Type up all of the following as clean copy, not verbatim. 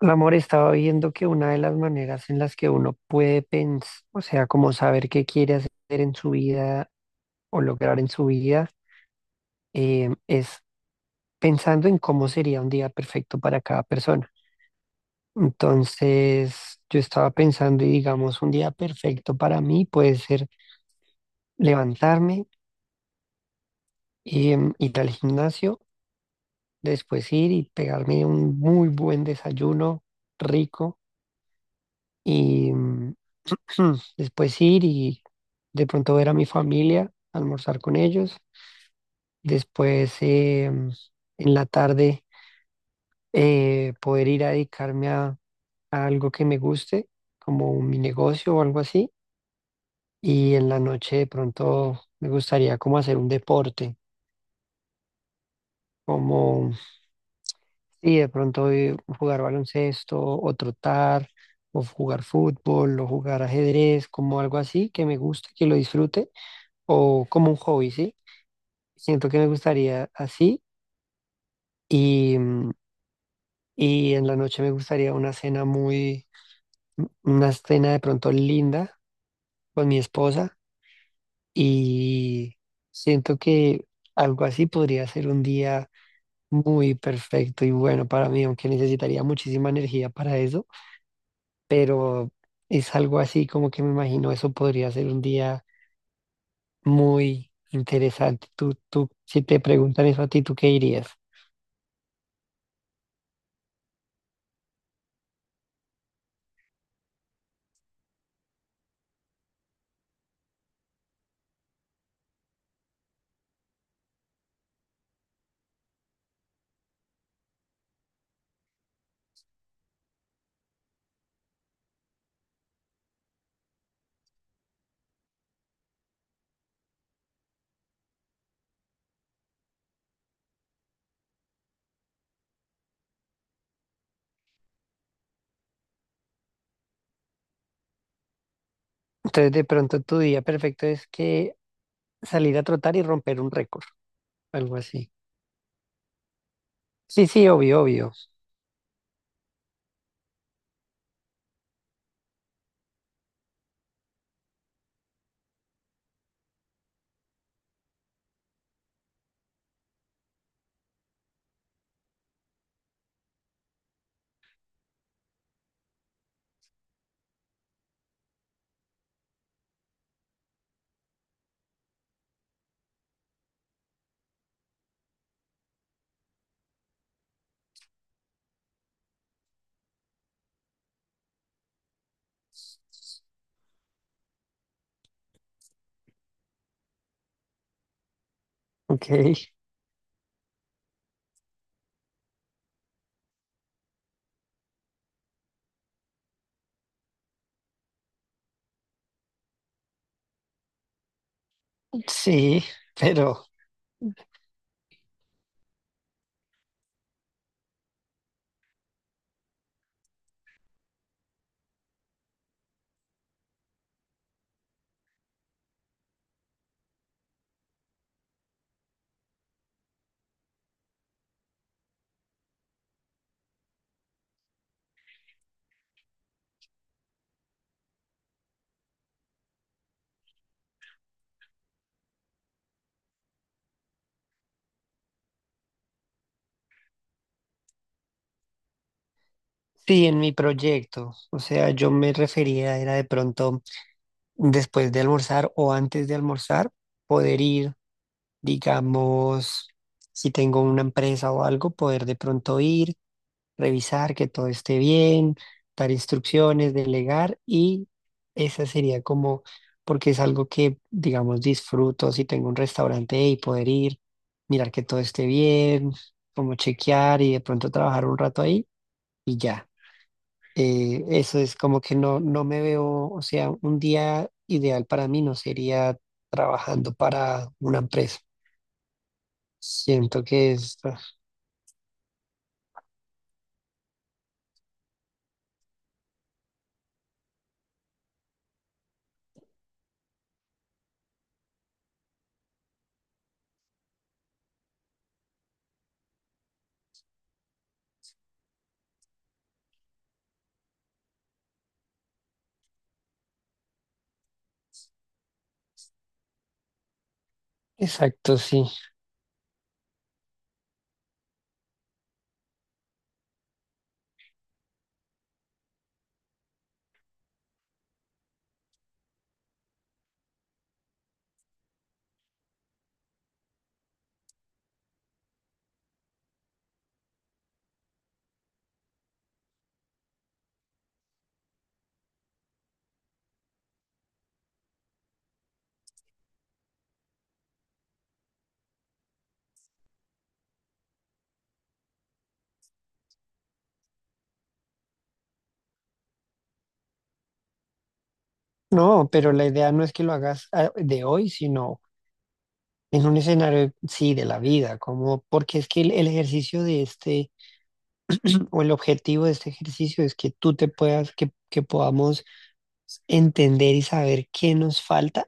Mi amor, estaba viendo que una de las maneras en las que uno puede pensar, o sea, como saber qué quiere hacer en su vida o lograr en su vida, es pensando en cómo sería un día perfecto para cada persona. Entonces, yo estaba pensando y digamos, un día perfecto para mí puede ser levantarme y ir al gimnasio, después ir y pegarme un muy buen desayuno rico. Y, mm, Después ir y de pronto ver a mi familia, almorzar con ellos. Después en la tarde poder ir a dedicarme a algo que me guste, como mi negocio o algo así. Y en la noche de pronto me gustaría como hacer un deporte, como sí, de pronto jugar baloncesto o trotar o jugar fútbol o jugar ajedrez, como algo así que me guste, que lo disfrute o como un hobby, ¿sí? Siento que me gustaría así y, mm, y en la noche me gustaría una cena muy, una cena de pronto linda con mi esposa y siento que algo así podría ser un día muy perfecto y bueno para mí, aunque necesitaría muchísima energía para eso, pero es algo así como que me imagino eso podría ser un día muy interesante. Si te preguntan eso a ti, ¿tú qué dirías? Entonces, de pronto tu día perfecto es que salir a trotar y romper un récord, algo así. Sí, sí, obvio, obvio. Ok. Sí, pero sí, en mi proyecto. O sea, yo me refería, era de pronto después de almorzar o antes de almorzar, poder ir, digamos, si tengo una empresa o algo, poder de pronto ir revisar que todo esté bien, dar instrucciones, delegar y esa sería como, porque es algo que, digamos, disfruto si tengo un restaurante y poder ir, mirar que todo esté bien, como chequear y de pronto trabajar un rato ahí y ya. Eso es como que no, no me veo, o sea, un día ideal para mí no sería trabajando para una empresa. Siento que es... ah, exacto, sí. No, pero la idea no es que lo hagas ah, de hoy, sino en un escenario, sí, de la vida, como porque es que el ejercicio de este, o el objetivo de este ejercicio es que tú te puedas, que podamos entender y saber qué nos falta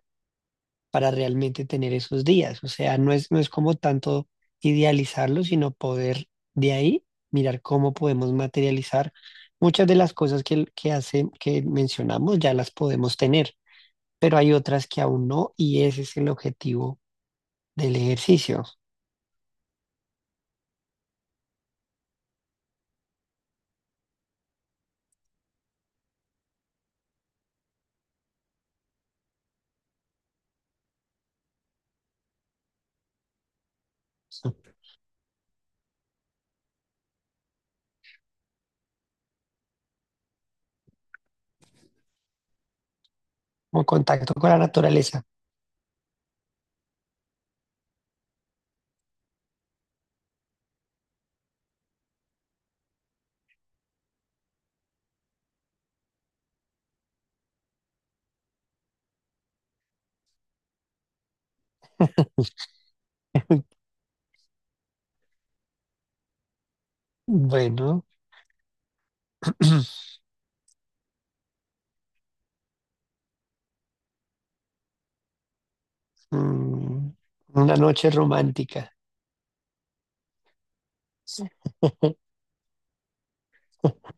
para realmente tener esos días. O sea, no es como tanto idealizarlo, sino poder de ahí mirar cómo podemos materializar muchas de las cosas que hace, que mencionamos, ya las podemos tener, pero hay otras que aún no, y ese es el objetivo del ejercicio. Como contacto con la naturaleza. Bueno, mm, una noche romántica. Sí.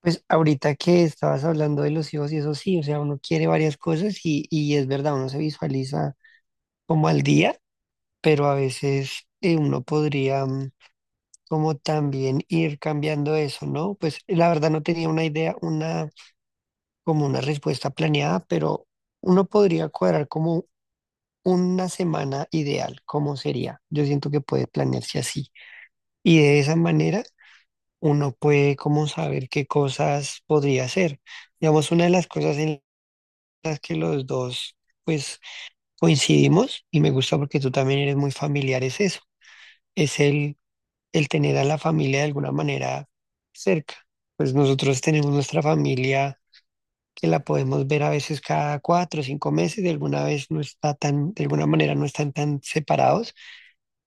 Pues ahorita que estabas hablando de los hijos y eso sí, o sea, uno quiere varias cosas y es verdad, uno se visualiza como al día, pero a veces uno podría como también ir cambiando eso, ¿no? Pues la verdad no tenía una idea, una como una respuesta planeada, pero uno podría cuadrar como una semana ideal, ¿cómo sería? Yo siento que puede planearse así. Y de esa manera uno puede como saber qué cosas podría hacer. Digamos, una de las cosas en las que los dos pues coincidimos y me gusta porque tú también eres muy familiar es eso, es el tener a la familia de alguna manera cerca. Pues nosotros tenemos nuestra familia que la podemos ver a veces cada cuatro o cinco meses, de alguna vez no está tan, de alguna manera no están tan separados,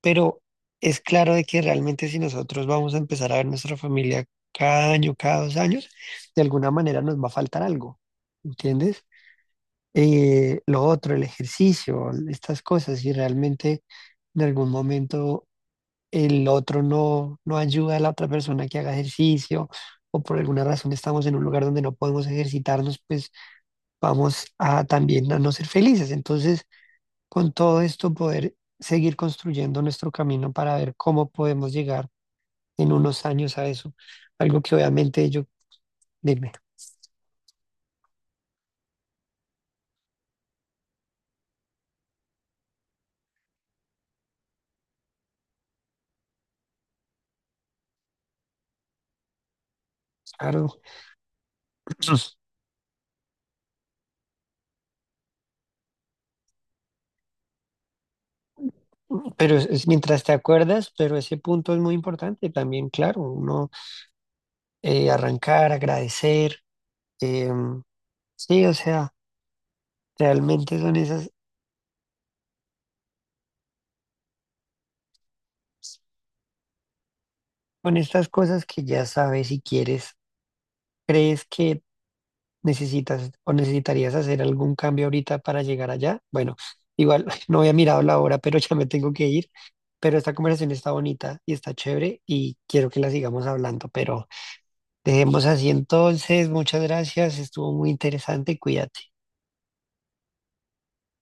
pero es claro de que realmente si nosotros vamos a empezar a ver nuestra familia cada año, cada dos años, de alguna manera nos va a faltar algo, ¿entiendes? Lo otro, el ejercicio, estas cosas, y realmente en algún momento el otro no, no ayuda a la otra persona que haga ejercicio, o por alguna razón estamos en un lugar donde no podemos ejercitarnos, pues vamos a también a no ser felices. Entonces, con todo esto poder seguir construyendo nuestro camino para ver cómo podemos llegar en unos años a eso. Algo que obviamente yo, dime, claro, pero es mientras te acuerdas, pero ese punto es muy importante también, claro, uno arrancar, agradecer, eh, sí, o sea, realmente son esas, son estas cosas que ya sabes y quieres, crees que necesitas o necesitarías hacer algún cambio ahorita para llegar allá. Bueno, igual no había mirado la hora, pero ya me tengo que ir. Pero esta conversación está bonita y está chévere y quiero que la sigamos hablando, pero dejemos así entonces. Muchas gracias, estuvo muy interesante, cuídate.